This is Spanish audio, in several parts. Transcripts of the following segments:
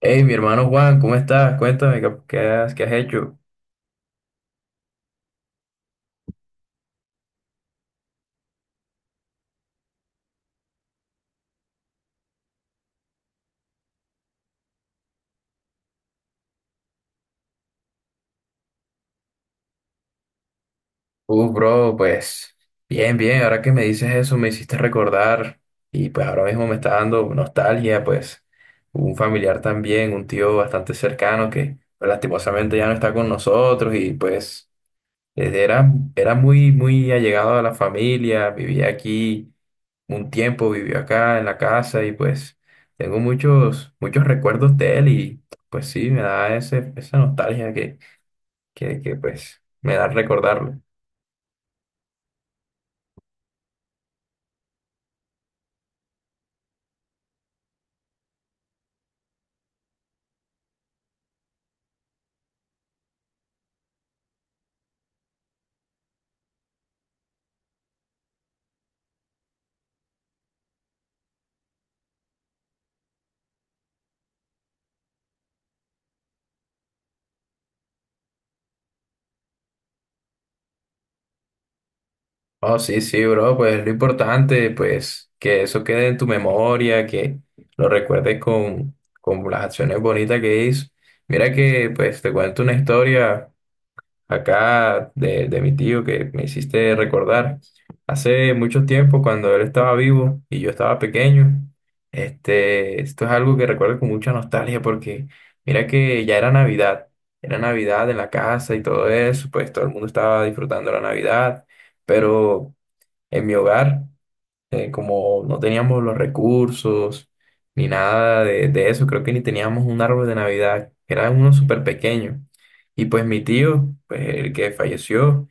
Hey, mi hermano Juan, ¿cómo estás? Cuéntame, ¿qué, qué has hecho? Bro, pues bien, bien, ahora que me dices eso me hiciste recordar y pues ahora mismo me está dando nostalgia, pues un familiar también, un tío bastante cercano que pues, lastimosamente ya no está con nosotros y pues era muy, muy allegado a la familia, vivía aquí un tiempo, vivió acá en la casa y pues tengo muchos, muchos recuerdos de él y pues sí, me da esa nostalgia que pues me da recordarlo. Oh, sí, sí, bro, pues lo importante, pues que eso quede en tu memoria, que lo recuerdes con las acciones bonitas que hizo. Mira que, pues te cuento una historia acá de mi tío que me hiciste recordar. Hace mucho tiempo, cuando él estaba vivo y yo estaba pequeño, este, esto es algo que recuerdo con mucha nostalgia porque mira que ya era Navidad en la casa y todo eso, pues todo el mundo estaba disfrutando la Navidad, pero en mi hogar como no teníamos los recursos ni nada de eso, creo que ni teníamos un árbol de Navidad, era uno súper pequeño. Y pues mi tío, pues el que falleció,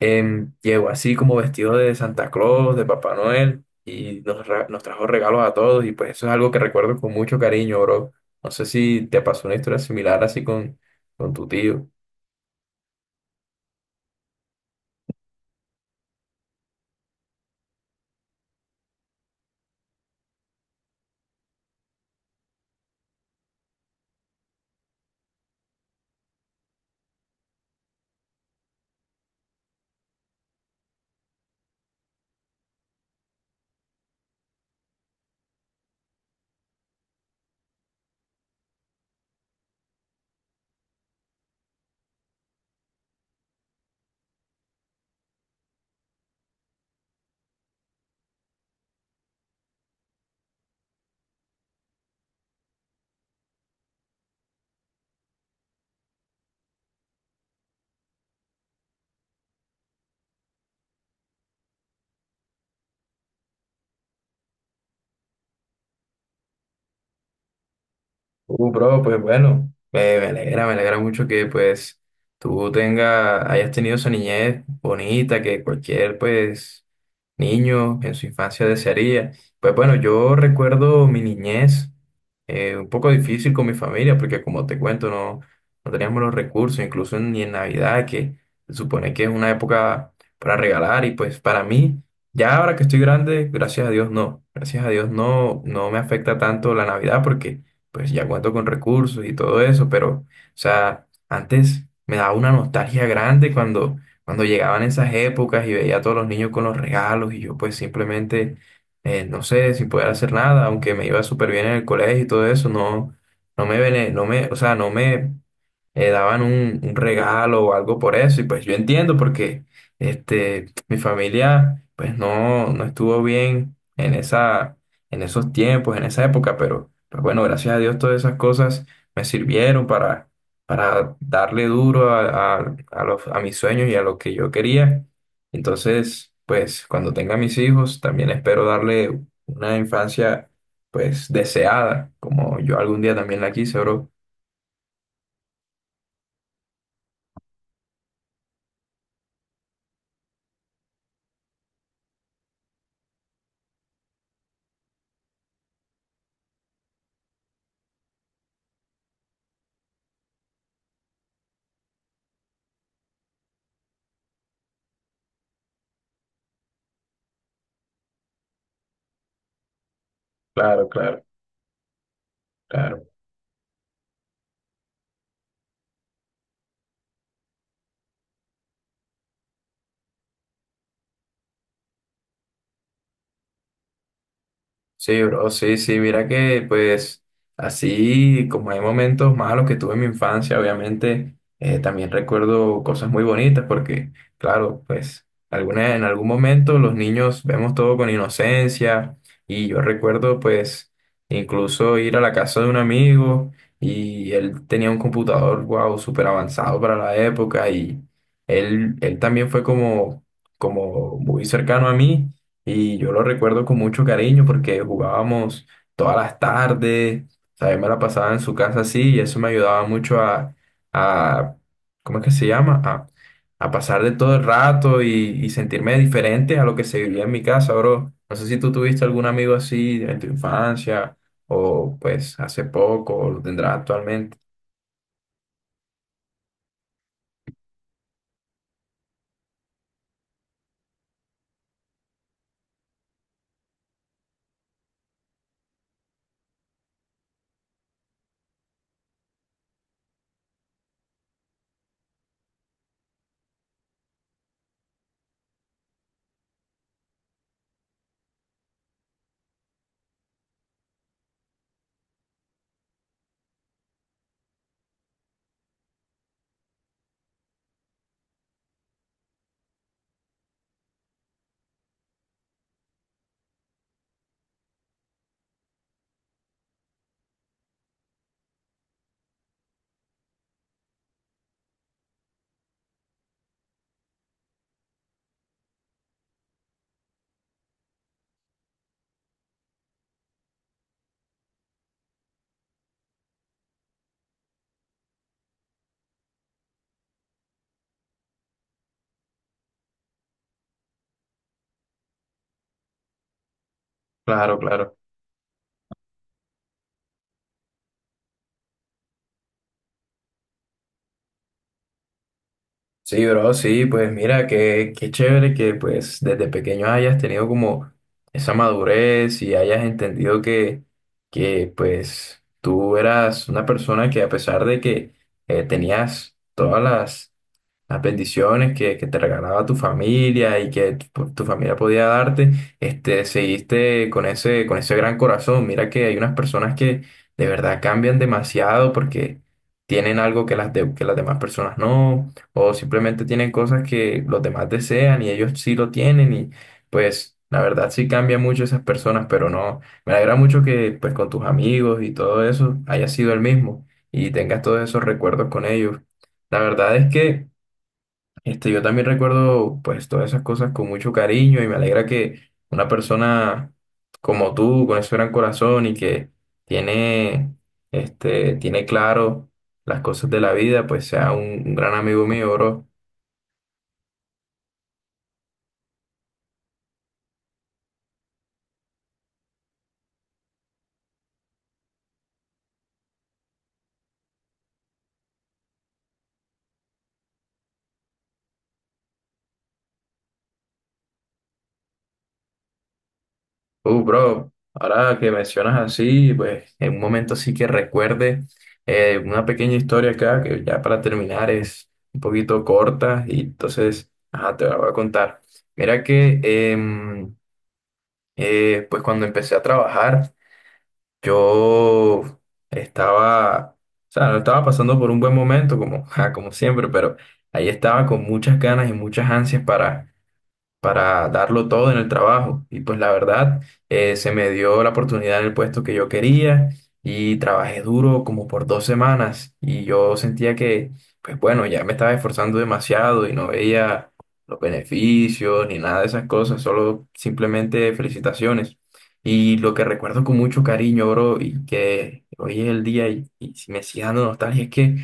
llegó así como vestido de Santa Claus, de Papá Noel, y nos, nos trajo regalos a todos, y pues eso es algo que recuerdo con mucho cariño, bro. No sé si te pasó una historia similar así con tu tío. Bro, pues bueno, me alegra mucho que pues hayas tenido esa niñez bonita que cualquier pues niño en su infancia desearía. Pues bueno, yo recuerdo mi niñez un poco difícil con mi familia porque como te cuento no, no teníamos los recursos, incluso ni en Navidad que se supone que es una época para regalar y pues para mí, ya ahora que estoy grande, gracias a Dios no, gracias a Dios no, no me afecta tanto la Navidad porque pues ya cuento con recursos y todo eso, pero, o sea, antes me daba una nostalgia grande cuando llegaban esas épocas y veía a todos los niños con los regalos y yo pues simplemente, no sé, sin poder hacer nada, aunque me iba súper bien en el colegio y todo eso, no, no me, bene- no me, o sea, no me daban un regalo o algo por eso. Y pues yo entiendo porque este, mi familia pues no, no estuvo bien en en esos tiempos, en esa época, pero pues bueno, gracias a Dios todas esas cosas me sirvieron para darle duro a los, a mis sueños y a lo que yo quería. Entonces, pues cuando tenga mis hijos, también espero darle una infancia pues deseada, como yo algún día también la quise, bro. Claro, claro, claro. Sí, bro, sí, sí, mira que pues así como hay momentos malos que tuve en mi infancia, obviamente también recuerdo cosas muy bonitas porque, claro, pues alguna, en algún momento los niños vemos todo con inocencia y yo recuerdo pues incluso ir a la casa de un amigo y él tenía un computador, wow, súper avanzado para la época y él también fue como, como muy cercano a mí. Y yo lo recuerdo con mucho cariño porque jugábamos todas las tardes, o sea, yo me la pasaba en su casa así y eso me ayudaba mucho a ¿cómo es que se llama? A pasar de todo el rato y sentirme diferente a lo que se vivía en mi casa, bro. No sé si tú tuviste algún amigo así en tu infancia o pues hace poco o lo tendrás actualmente. Claro, claro. Sí, bro, sí, pues mira, qué, qué chévere que pues desde pequeño hayas tenido como esa madurez y hayas entendido que pues tú eras una persona que a pesar de que tenías todas las bendiciones que te regalaba tu familia y que tu familia podía darte, este, seguiste con ese gran corazón. Mira que hay unas personas que de verdad cambian demasiado porque tienen algo que que las demás personas no, o simplemente tienen cosas que los demás desean y ellos sí lo tienen y pues... La verdad sí cambian mucho esas personas, pero no, me alegra mucho que pues con tus amigos y todo eso haya sido el mismo y tengas todos esos recuerdos con ellos. La verdad es que este, yo también recuerdo pues todas esas cosas con mucho cariño y me alegra que una persona como tú, con ese gran corazón y que tiene, este, tiene claro las cosas de la vida, pues sea un gran amigo mío, bro. Bro, ahora que mencionas así, pues en un momento sí que recuerde una pequeña historia acá que ya para terminar es un poquito corta y entonces, ajá, te la voy a contar. Mira que... pues cuando empecé a trabajar, yo estaba, o sea, no estaba pasando por un buen momento, como, ja, como siempre, pero ahí estaba con muchas ganas y muchas ansias para darlo todo en el trabajo. Y pues la verdad, se me dio la oportunidad en el puesto que yo quería y trabajé duro como por dos semanas y yo sentía pues bueno, ya me estaba esforzando demasiado y no veía los beneficios ni nada de esas cosas, solo simplemente felicitaciones. Y lo que recuerdo con mucho cariño, bro, y que hoy es el día y me sigue dando nostalgia es que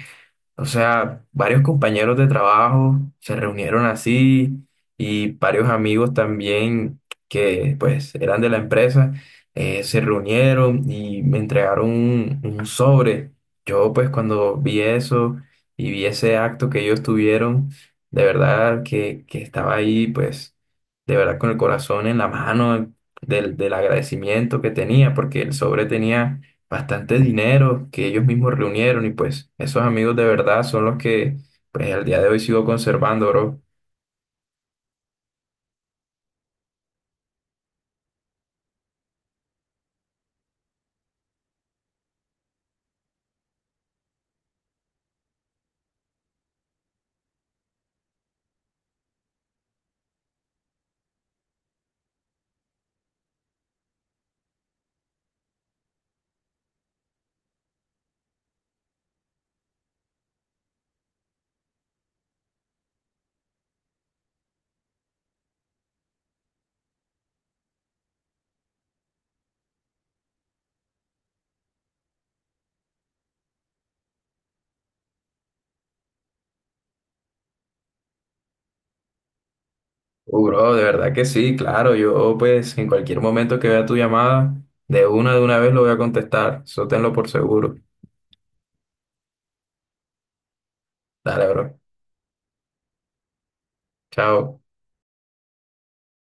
o sea, varios compañeros de trabajo se reunieron así y varios amigos también que pues eran de la empresa se reunieron y me entregaron un sobre. Yo pues cuando vi eso y vi ese acto que ellos tuvieron, de verdad que estaba ahí pues de verdad con el corazón en la mano del agradecimiento que tenía porque el sobre tenía bastante dinero que ellos mismos reunieron y pues esos amigos de verdad son los que pues al día de hoy sigo conservando, bro. Bro, de verdad que sí, claro, yo pues en cualquier momento que vea tu llamada, de una vez lo voy a contestar, eso tenlo por seguro. Dale, bro. Chao.